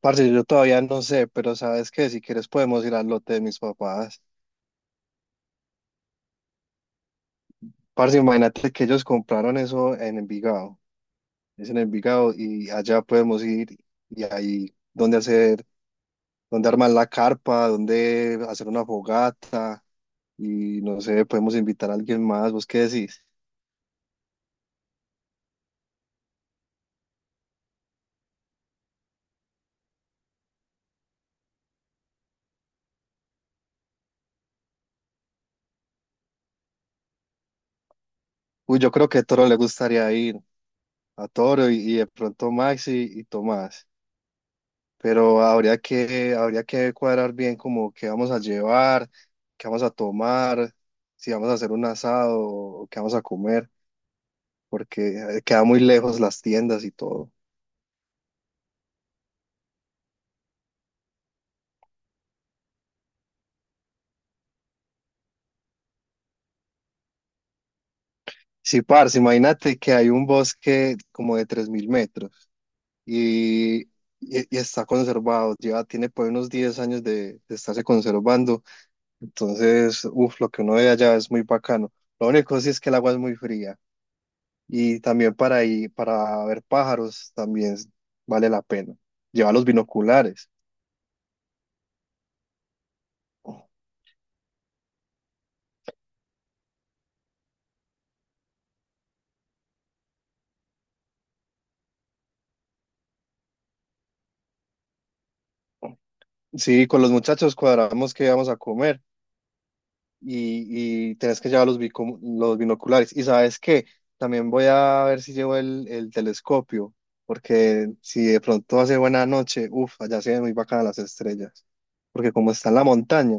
Parce, yo todavía no sé, pero sabes que si quieres podemos ir al lote de mis papás. Parce, imagínate que ellos compraron eso en Envigado. Es en Envigado y allá podemos ir y ahí donde hacer, donde armar la carpa, donde hacer una fogata y no sé, podemos invitar a alguien más. ¿Vos qué decís? Uy, yo creo que a Toro le gustaría ir, a Toro y de pronto Maxi y Tomás. Pero habría que cuadrar bien como qué vamos a llevar, qué vamos a tomar, si vamos a hacer un asado o qué vamos a comer, porque queda muy lejos las tiendas y todo. Sí, parce, imagínate que hay un bosque como de 3000 metros y, y- y está conservado, lleva, tiene por ahí unos 10 años de estarse conservando, entonces, uff, lo que uno ve allá es muy bacano. Lo único sí es que el agua es muy fría. Y también para ir, para ver pájaros también vale la pena. Llevar los binoculares. Sí, con los muchachos cuadramos qué vamos a comer y tenés que llevar los, los binoculares. Y sabes qué, también voy a ver si llevo el telescopio, porque si de pronto hace buena noche, uff, allá se ven muy bacanas las estrellas, porque como está en la montaña.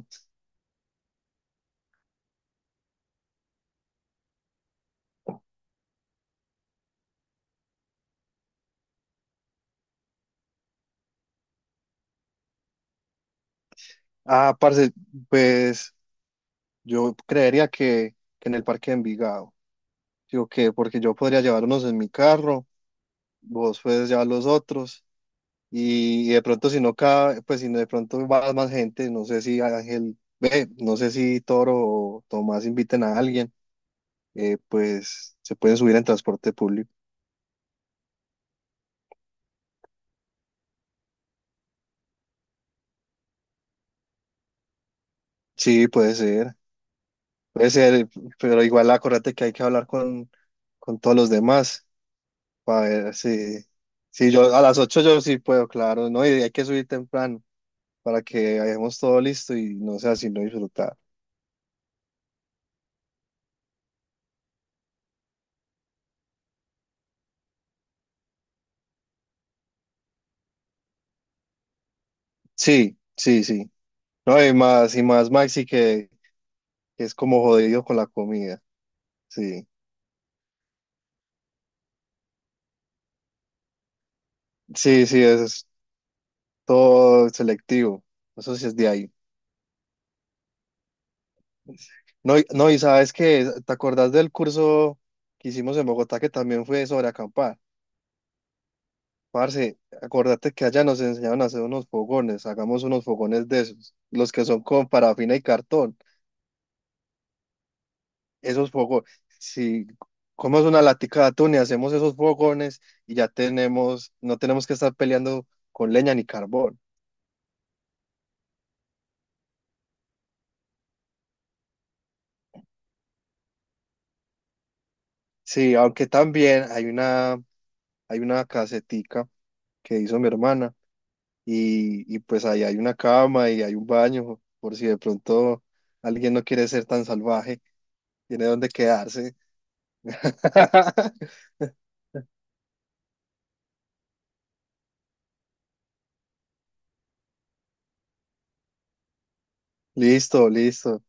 Ah, parce, pues yo creería que en el parque de Envigado, digo que, porque yo podría llevar unos en mi carro, vos pues ya los otros. Y de pronto si no cabe, pues si no de pronto va más gente, no sé si Ángel, ve, no sé si Toro o Tomás inviten a alguien, pues se pueden subir en transporte público. Sí, puede ser, pero igual acuérdate que hay que hablar con todos los demás para ver si, si yo a las 8 yo sí puedo, claro, ¿no? Y hay que subir temprano para que hayamos todo listo y no sea sino disfrutar. Sí, sí, sí. No, y más Maxi que es como jodido con la comida. Sí, sí, sí, eso es todo selectivo. Eso sí es de ahí. No, no, y sabes que, ¿te acordás del curso que hicimos en Bogotá que también fue sobre acampar? Parce, acordate que allá nos enseñaron a hacer unos fogones, hagamos unos fogones de esos, los que son con parafina y cartón, esos fogones, si comemos una latica de atún y hacemos esos fogones y ya tenemos, no tenemos que estar peleando con leña ni carbón. Sí, aunque también hay una casetica que hizo mi hermana y pues ahí hay una cama y hay un baño por si de pronto alguien no quiere ser tan salvaje, tiene donde quedarse. Listo, listo.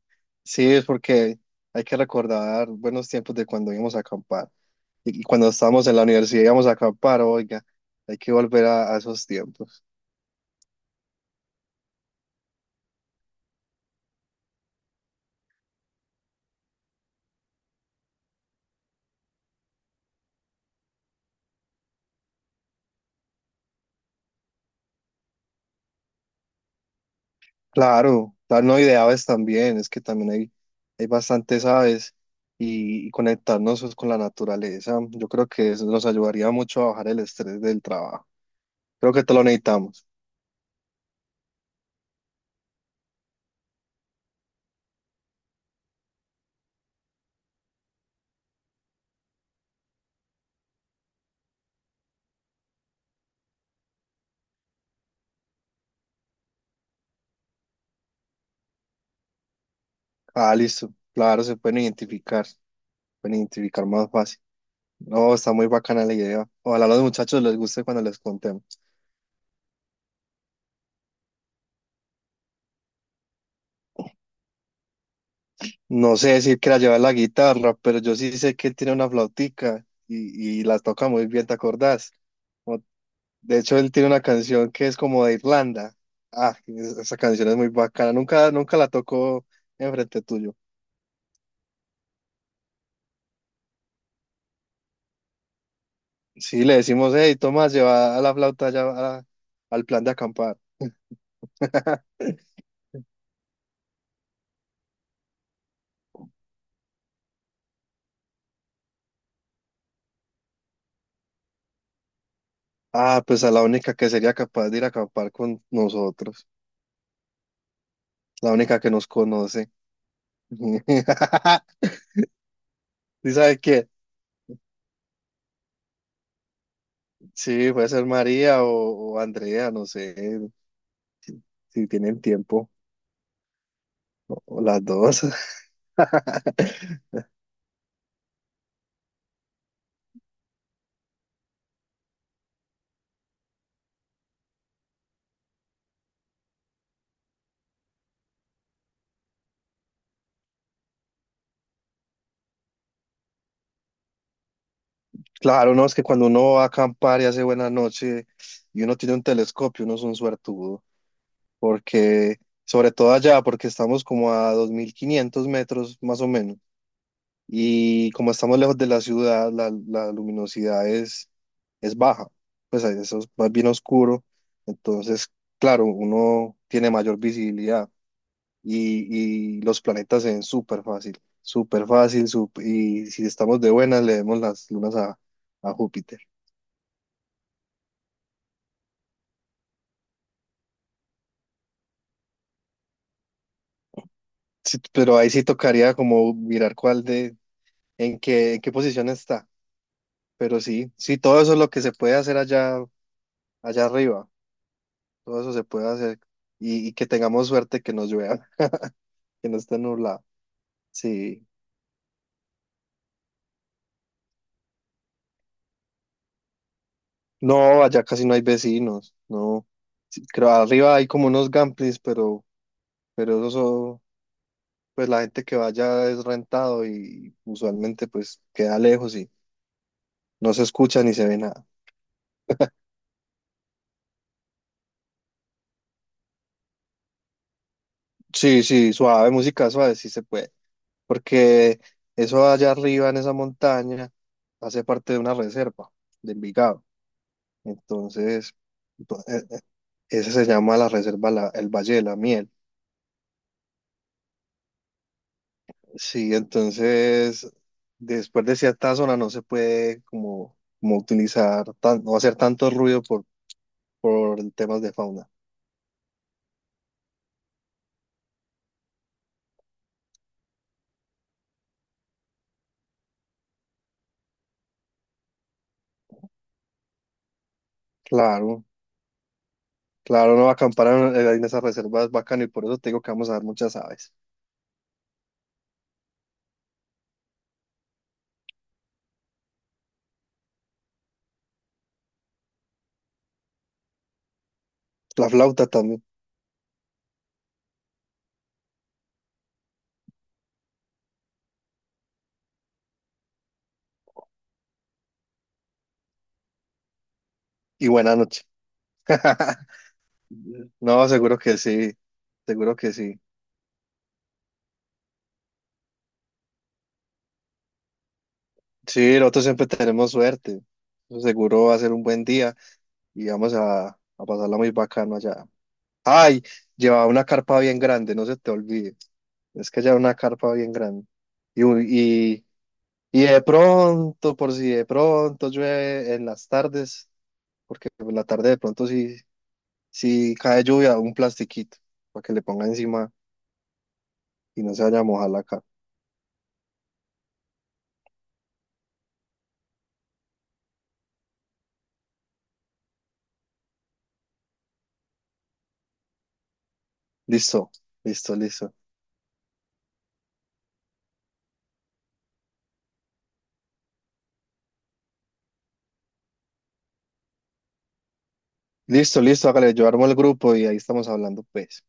Sí, es porque hay que recordar buenos tiempos de cuando íbamos a acampar y cuando estábamos en la universidad íbamos a acampar, oiga, hay que volver a esos tiempos. Claro, tal, no, y de aves también, es que también hay bastantes aves y conectarnos pues, con la naturaleza, yo creo que eso nos ayudaría mucho a bajar el estrés del trabajo. Creo que todo lo necesitamos. Ah, listo, claro, se pueden identificar más fácil. No, está muy bacana la idea. Ojalá a los muchachos les guste cuando les contemos. No sé decir que la lleva la guitarra, pero yo sí sé que él tiene una flautica y la toca muy bien, ¿te acordás? De hecho, él tiene una canción que es como de Irlanda. Ah, esa canción es muy bacana. Nunca, nunca la tocó enfrente tuyo. Sí, le decimos, hey, Tomás, lleva a la flauta allá al plan de acampar. Ah, pues a la única que sería capaz de ir a acampar con nosotros. La única que nos conoce. ¿Sí sabe qué? Sí, puede ser María o Andrea, no sé, si tienen tiempo, o las dos. Claro, no, es que cuando uno va a acampar y hace buena noche y uno tiene un telescopio, uno es un suertudo, porque, sobre todo allá, porque estamos como a 2500 metros más o menos, y como estamos lejos de la ciudad, la luminosidad es baja, pues ahí eso es más bien oscuro, entonces, claro, uno tiene mayor visibilidad y los planetas se ven súper fácil, y si estamos de buenas, le vemos las lunas a Júpiter. Sí, pero ahí sí tocaría como mirar cuál de, en qué posición está. Pero sí, sí, todo eso es lo que se puede hacer allá, allá arriba. Todo eso se puede hacer. Y que tengamos suerte que nos llueva, que no esté nublado. Sí. No, allá casi no hay vecinos. No. Sí, creo arriba hay como unos gamplings, pero pues la gente que vaya es rentado y usualmente pues queda lejos y no se escucha ni se ve nada. Sí, sí, suave, música suave, sí se puede. Porque eso allá arriba en esa montaña hace parte de una reserva de Envigado. Entonces, ento- eh, eh, ese se llama la reserva el Valle de la Miel. Sí, entonces, después de cierta zona no se puede como, como utilizar, tan, no hacer tanto ruido por temas de fauna. Claro, claro, no acampar en esas reservas es bacano y por eso te digo que vamos a ver muchas aves. La flauta también. Y buena noche. No, seguro que sí. Seguro que sí. Sí, nosotros siempre tenemos suerte. Eso seguro va a ser un buen día y vamos a pasarla muy bacano allá. Ay, lleva una carpa bien grande, no se te olvide. Es que lleva una carpa bien grande. Y, un- y, y de pronto, por si de pronto llueve en las tardes, porque en la tarde de pronto si, si cae lluvia, un plastiquito para que le ponga encima y no se vaya a mojar la cara. Listo, listo, listo. Listo, listo, hágale, yo armo el grupo y ahí estamos hablando, pues.